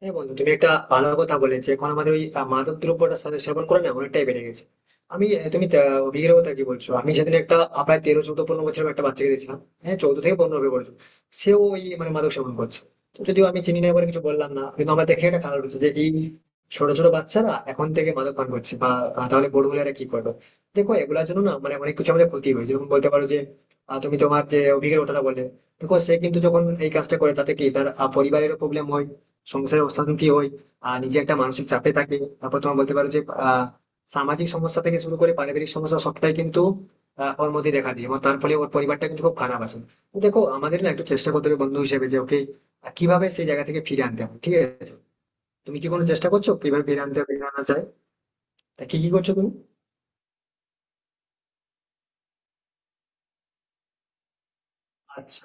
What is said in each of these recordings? হ্যাঁ বন্ধু তুমি একটা ভালো কথা বলে যে এখন আমাদের ওই মাদক দ্রব্যটা সেবন করে না অনেকটাই বেড়ে গেছে। আমি তুমি অভিজ্ঞের কথা কি বলছো? আমি সেদিন একটা প্রায় 13 14 15 বছরের একটা বাচ্চাকে দেখছিলাম। হ্যাঁ, 14 থেকে 15 হবে বলছো। সেও ওই মানে মাদক সেবন করছে। তো যদিও আমি চিনি না বলে কিছু বললাম না, কিন্তু আমার দেখে একটা খারাপ হচ্ছে যে এই ছোট ছোট বাচ্চারা এখন থেকে মাদক পান করছে বা তাহলে বড় হলে এরা কি করবে? দেখো এগুলোর জন্য না মানে অনেক কিছু আমাদের ক্ষতি হয়েছে, যেমন বলতে পারো যে তুমি তোমার যে অভিজ্ঞের কথাটা বলে, দেখো সে কিন্তু যখন এই কাজটা করে তাতে কি তার পরিবারেরও প্রবলেম হয়, সংসারের অশান্তি হয়, আর নিজে একটা মানসিক চাপে থাকে। তারপর তোমার বলতে পারো যে আহ সামাজিক সমস্যা থেকে শুরু করে পারিবারিক সমস্যা সবটাই কিন্তু ওর মধ্যে দেখা দিই, এবং তার ফলে ওর পরিবারটা কিন্তু খুব খারাপ আছে। তো দেখো আমাদের না একটু চেষ্টা করতে হবে বন্ধু হিসেবে যে ওকে কিভাবে সেই জায়গা থেকে ফিরে আনতে হবে, ঠিক আছে? তুমি কি কোনো চেষ্টা করছো, কিভাবে ফিরে আনতে হবে, ফিরে আনা যায়? তা কি কি করছো তুমি? আচ্ছা।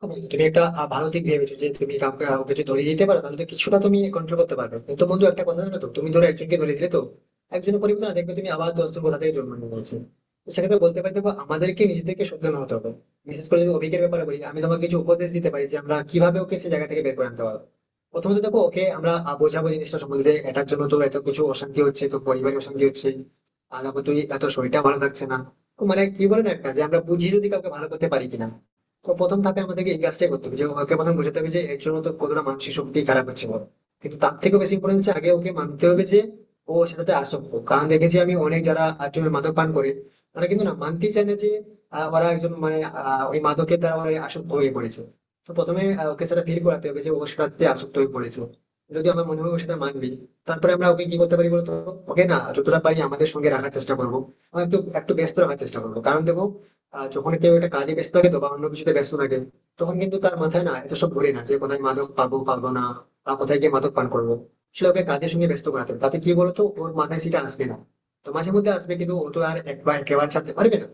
বন্ধু, তুমি একটা ভালো দিক ভেবেছো যে তুমি কাউকে কাউকে যদি ধরিয়ে দিতে পারো তাহলে তো কিছুটা তুমি কন্ট্রোল করতে পারবে, কিন্তু বন্ধু একটা কথা জানো তো, তুমি ধরো একজনকে ধরিয়ে দিলে তো একজনের পরিবর্তন না দেখবে তুমি, আবার দশজন কোথা থেকে জন্ম নিয়ে নিয়েছে। তো সেক্ষেত্রে বলতে পারি, দেখো আমাদেরকে নিজেদেরকে সচেতন হতে হবে। বিশেষ করে যদি অভিজ্ঞের ব্যাপারে বলি, আমি তোমাকে কিছু উপদেশ দিতে পারি যে আমরা কিভাবে ওকে সে জায়গা থেকে বের করে আনতে পারবো। প্রথমত দেখো ওকে আমরা বোঝাবো জিনিসটা সম্বন্ধে, এটার জন্য তো এত কিছু অশান্তি হচ্ছে, তো পরিবারে অশান্তি হচ্ছে, আর তারপর তুই এত শরীরটা ভালো থাকছে না। তো মানে কি বলে না একটা যে আমরা বুঝিয়ে যদি কাউকে ভালো করতে পারি কিনা। তো প্রথম ধাপে আমাদেরকে এই কাজটাই করতে হবে যে ওকে প্রথম বোঝাতে হবে যে এর জন্য তো কতটা মানসিক শক্তি খারাপ হচ্ছে, বলো। কিন্তু তার থেকেও বেশি ইম্পর্টেন্ট হচ্ছে আগে ওকে মানতে হবে যে ও সেটাতে আসক্ত, কারণ দেখেছি আমি অনেক যারা একজন মাদক পান করে, তারা কিন্তু না মানতেই চায় না যে ওরা একজন মানে ওই মাদকের দ্বারা ওরা আসক্ত হয়ে পড়েছে। তো প্রথমে ওকে সেটা ফিল করাতে হবে যে ও সেটাতে আসক্ত হয়ে পড়েছে। যদি আমার মনে হয় ও সেটা মানবে, তারপরে আমরা ওকে কি করতে পারি বলতো, ওকে না যতটা পারি আমাদের সঙ্গে রাখার চেষ্টা করবো, আমরা একটু একটু ব্যস্ত রাখার চেষ্টা করবো। কারণ দেখো যখন কেউ একটা কাজে ব্যস্ত থাকে তো বা অন্য কিছুতে ব্যস্ত থাকে, তখন কিন্তু তার মাথায় না এত সব ঘুরে না যে কোথায় মাদক পাবো পাবো না, বা কোথায় গিয়ে মাদক পান করবো। আসলে ওকে কাজের সঙ্গে ব্যস্ত করাতে হবে। তাতে কি বলতো ওর মাথায় সেটা আসবে না, তো মাঝে মধ্যে আসবে কিন্তু ও তো আর একবার একেবারে ছাড়তে পারবে না।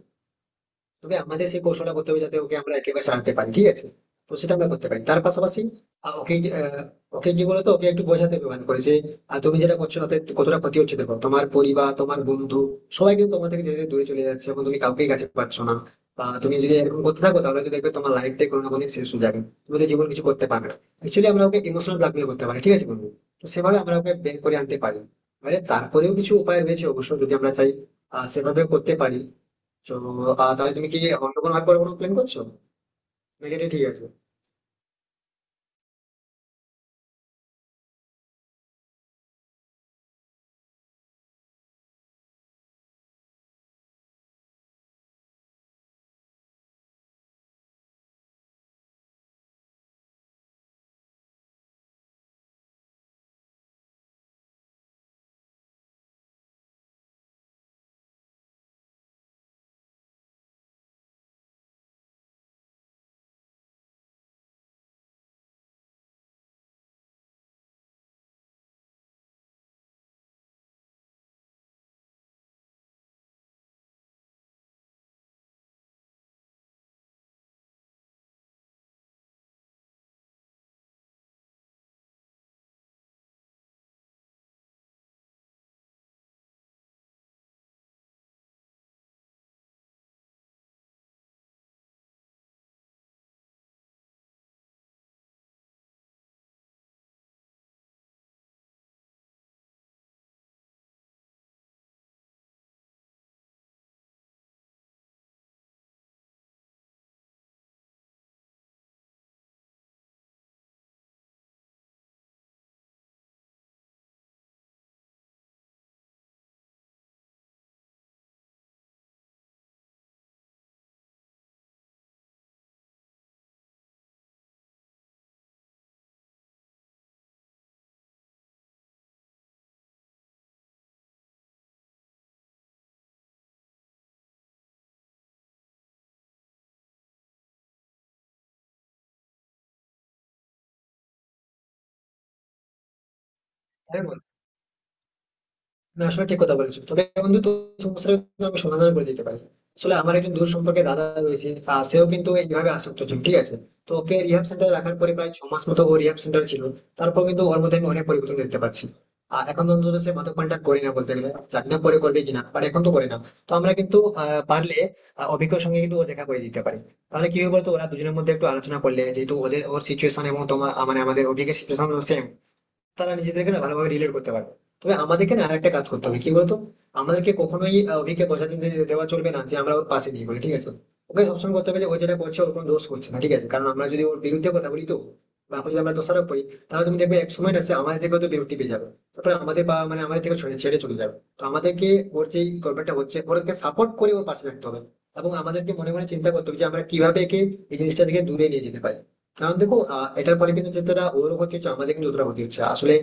তবে আমাদের সেই কৌশলটা করতে হবে যাতে ওকে আমরা একেবারে ছাড়তে পারি, ঠিক আছে? তো সেটা আমরা করতে পারি। তার পাশাপাশি ওকে ওকে কি বলতো ওকে একটু বোঝাতে হবে মানে করে যে তুমি যেটা করছো তাতে কতটা ক্ষতি হচ্ছে, দেখো তোমার পরিবার তোমার বন্ধু সবাই কিন্তু তোমার থেকে ধীরে ধীরে দূরে চলে যাচ্ছে এবং তুমি কাউকেই কাছে পাচ্ছ না, বা তুমি যদি এরকম করতে থাকো তাহলে তো দেখবে তোমার লাইফটাই কোনো না কোনো দিন শেষ হয়ে যাবে, তুমি তো জীবন কিছু করতে পারবে না। অ্যাকচুয়ালি আমরা ওকে ইমোশনাল ব্ল্যাকমেল করতে পারি, ঠিক আছে বন্ধু? তো সেভাবে আমরা ওকে বের করে আনতে পারি। মানে তারপরেও কিছু উপায় রয়েছে অবশ্য, যদি আমরা চাই সেভাবে করতে পারি। তো তাহলে তুমি কি অন্য কোনো ভাবে পরে কোনো প্ল্যান করছো, নাকি এটা ঠিক আছে? হ্যাঁ, না আসলে ঠিক কথা বলেছো, তবে বন্ধু তো সমস্যার কিন্তু আমি সমাধান করে দিতে পারি। আসলে আমার একজন দূর সম্পর্কে দাদা রয়েছে, সেও কিন্তু এইভাবে আসক্ত ছিল, ঠিক আছে? তো ওকে রিহাব সেন্টারে রাখার পরে প্রায় 6 মাস মতো ও রিহাব সেন্টার ছিল। তারপর কিন্তু ওর মধ্যে আমি অনেক পরিবর্তন দেখতে পাচ্ছি। আর এখন তো অন্তত সে মাদকপানটা করে না বলতে গেলে, জানি না পরে করবে কিনা, বাট এখন তো করে না। তো আমরা কিন্তু পারলে অভিজ্ঞর সঙ্গে কিন্তু ও দেখা করে দিতে পারি। তাহলে কি হবে বলতো, ওরা দুজনের মধ্যে একটু আলোচনা করলে, যেহেতু ওদের ওর সিচুয়েশন এবং তোমার মানে আমাদের অভিজ্ঞের সিচুয়েশন সেম, তারা নিজেদেরকে না ভালোভাবে রিলেট করতে পারবে। তবে আমাদেরকে না আরেকটা কাজ করতে হবে কি বলতো, আমাদেরকে কখনোই অভিকে বোঝাতে দেওয়া চলবে না যে আমরা ওর পাশে নেই বলে, ঠিক আছে? ওকে সবসময় করতে হবে যে ও যেটা করছে ওর কোনো দোষ করছে না, ঠিক আছে? কারণ আমরা যদি ওর বিরুদ্ধে কথা বলি তো বা ওকে যদি আমরা দোষারোপ করি, তাহলে তুমি দেখবে এক সময় না সে আমাদের থেকে হয়তো বিরক্তি পেয়ে যাবে, তারপরে আমাদের বা মানে আমাদের থেকে ছেড়ে ছেড়ে চলে যাবে। তো আমাদেরকে ওর যে গভর্নমেন্টটা হচ্ছে ওরকে সাপোর্ট করে ওর পাশে থাকতে হবে, এবং আমাদেরকে মনে মনে চিন্তা করতে হবে যে আমরা কিভাবে একে এই জিনিসটা থেকে দূরে নিয়ে যেতে পারি। কারণ দেখো এটার পরে কিন্তু যেটা ওর ক্ষতি হচ্ছে আমাদের কিন্তু অতটা ক্ষতি হচ্ছে আসলে,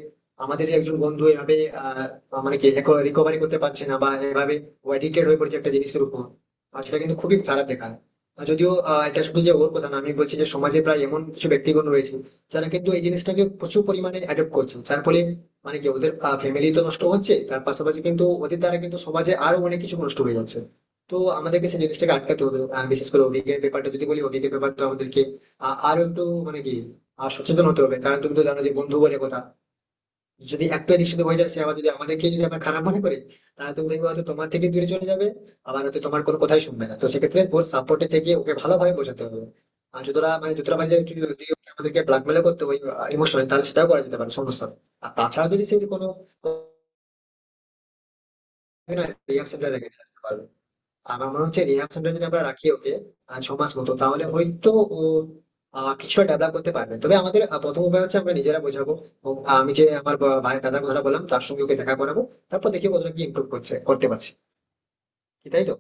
আমাদের যে একজন বন্ধু এভাবে আহ, মানে কি রিকভারি করতে পারছে না বা এভাবে অ্যাডিক্টেড হয়ে পড়ছে একটা জিনিসের উপর, আর সেটা কিন্তু খুবই খারাপ দেখায়। আর যদিও এটা শুধু যে ওর কথা না, আমি বলছি যে সমাজে প্রায় এমন কিছু ব্যক্তিগণ রয়েছে যারা কিন্তু এই জিনিসটাকে প্রচুর পরিমাণে অ্যাডপ্ট করছে, যার ফলে মানে কি ওদের ফ্যামিলি তো নষ্ট হচ্ছে, তার পাশাপাশি কিন্তু ওদের দ্বারা কিন্তু সমাজে আরো অনেক কিছু নষ্ট হয়ে যাচ্ছে। তো আমাদেরকে সেই জিনিসটাকে আটকাতে হবে, বিশেষ করে অভিজ্ঞের ব্যাপারটা যদি বলি, অভিজ্ঞের ব্যাপারটা আমাদেরকে আরো একটু মানে কি সচেতন হতে হবে, কারণ তুমি তো জানো যে বন্ধু বলে কথা, যদি একটু এদিক সেদিক হয়ে যায় সে আবার, যদি আমাদেরকে যদি আবার খারাপ মনে করে, তাহলে তুমি দেখবে হয়তো তোমার থেকে দূরে চলে যাবে, আবার হয়তো তোমার কোনো কথাই শুনবে না। তো সেক্ষেত্রে ওর সাপোর্টে থেকে ওকে ভালোভাবে বোঝাতে হবে, আর যতটা মানে যদি যদি ওকে আমাদেরকে ব্ল্যাকমেল করতে হয় ইমোশনাল, তাহলে সেটাও করা যেতে পারে, সমস্যা নেই। আর তাছাড়া যদি সে কোনো রিয়াকশনটা রেখে আসতে পারবে, আমার মনে হচ্ছে রিহার্সালটা যদি আমরা রাখি ওকে 6 মাস মতো, তাহলে হয়তো ও কিছুটা ডেভেলপ করতে পারবে। তবে আমাদের প্রথম উপায় হচ্ছে আমরা নিজেরা বোঝাবো, এবং আমি যে আমার ভাই দাদার কথাটা বললাম তার সঙ্গে ওকে দেখা করাবো। তারপর দেখি ও কতটা কি ইমপ্রুভ করছে, করতে পারছে কি, তাই তো?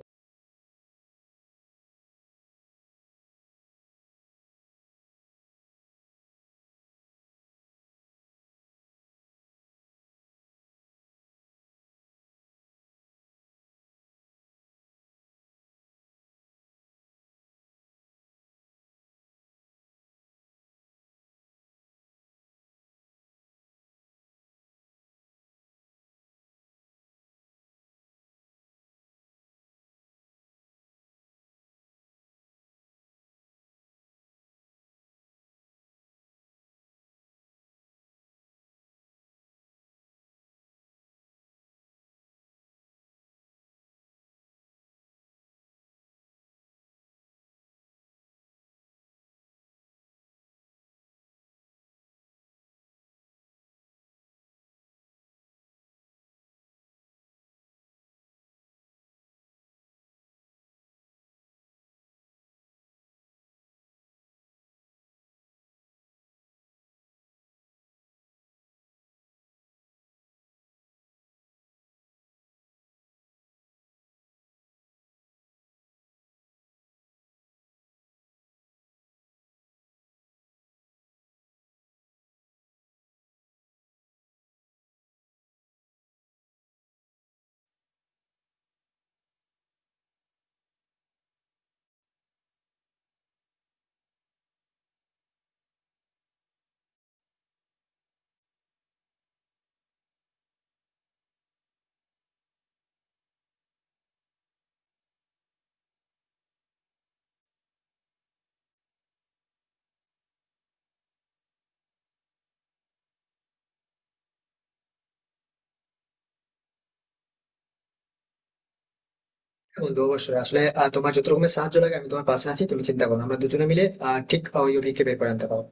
হ্যাঁ বন্ধু, অবশ্যই আসলে তোমার যত রকমের সাহায্য লাগে আমি তোমার পাশে আছি, তুমি চিন্তা করো না। আমরা দুজনে মিলে ঠিক ওই অভিজ্ঞকে বের করে আনতে পারবো।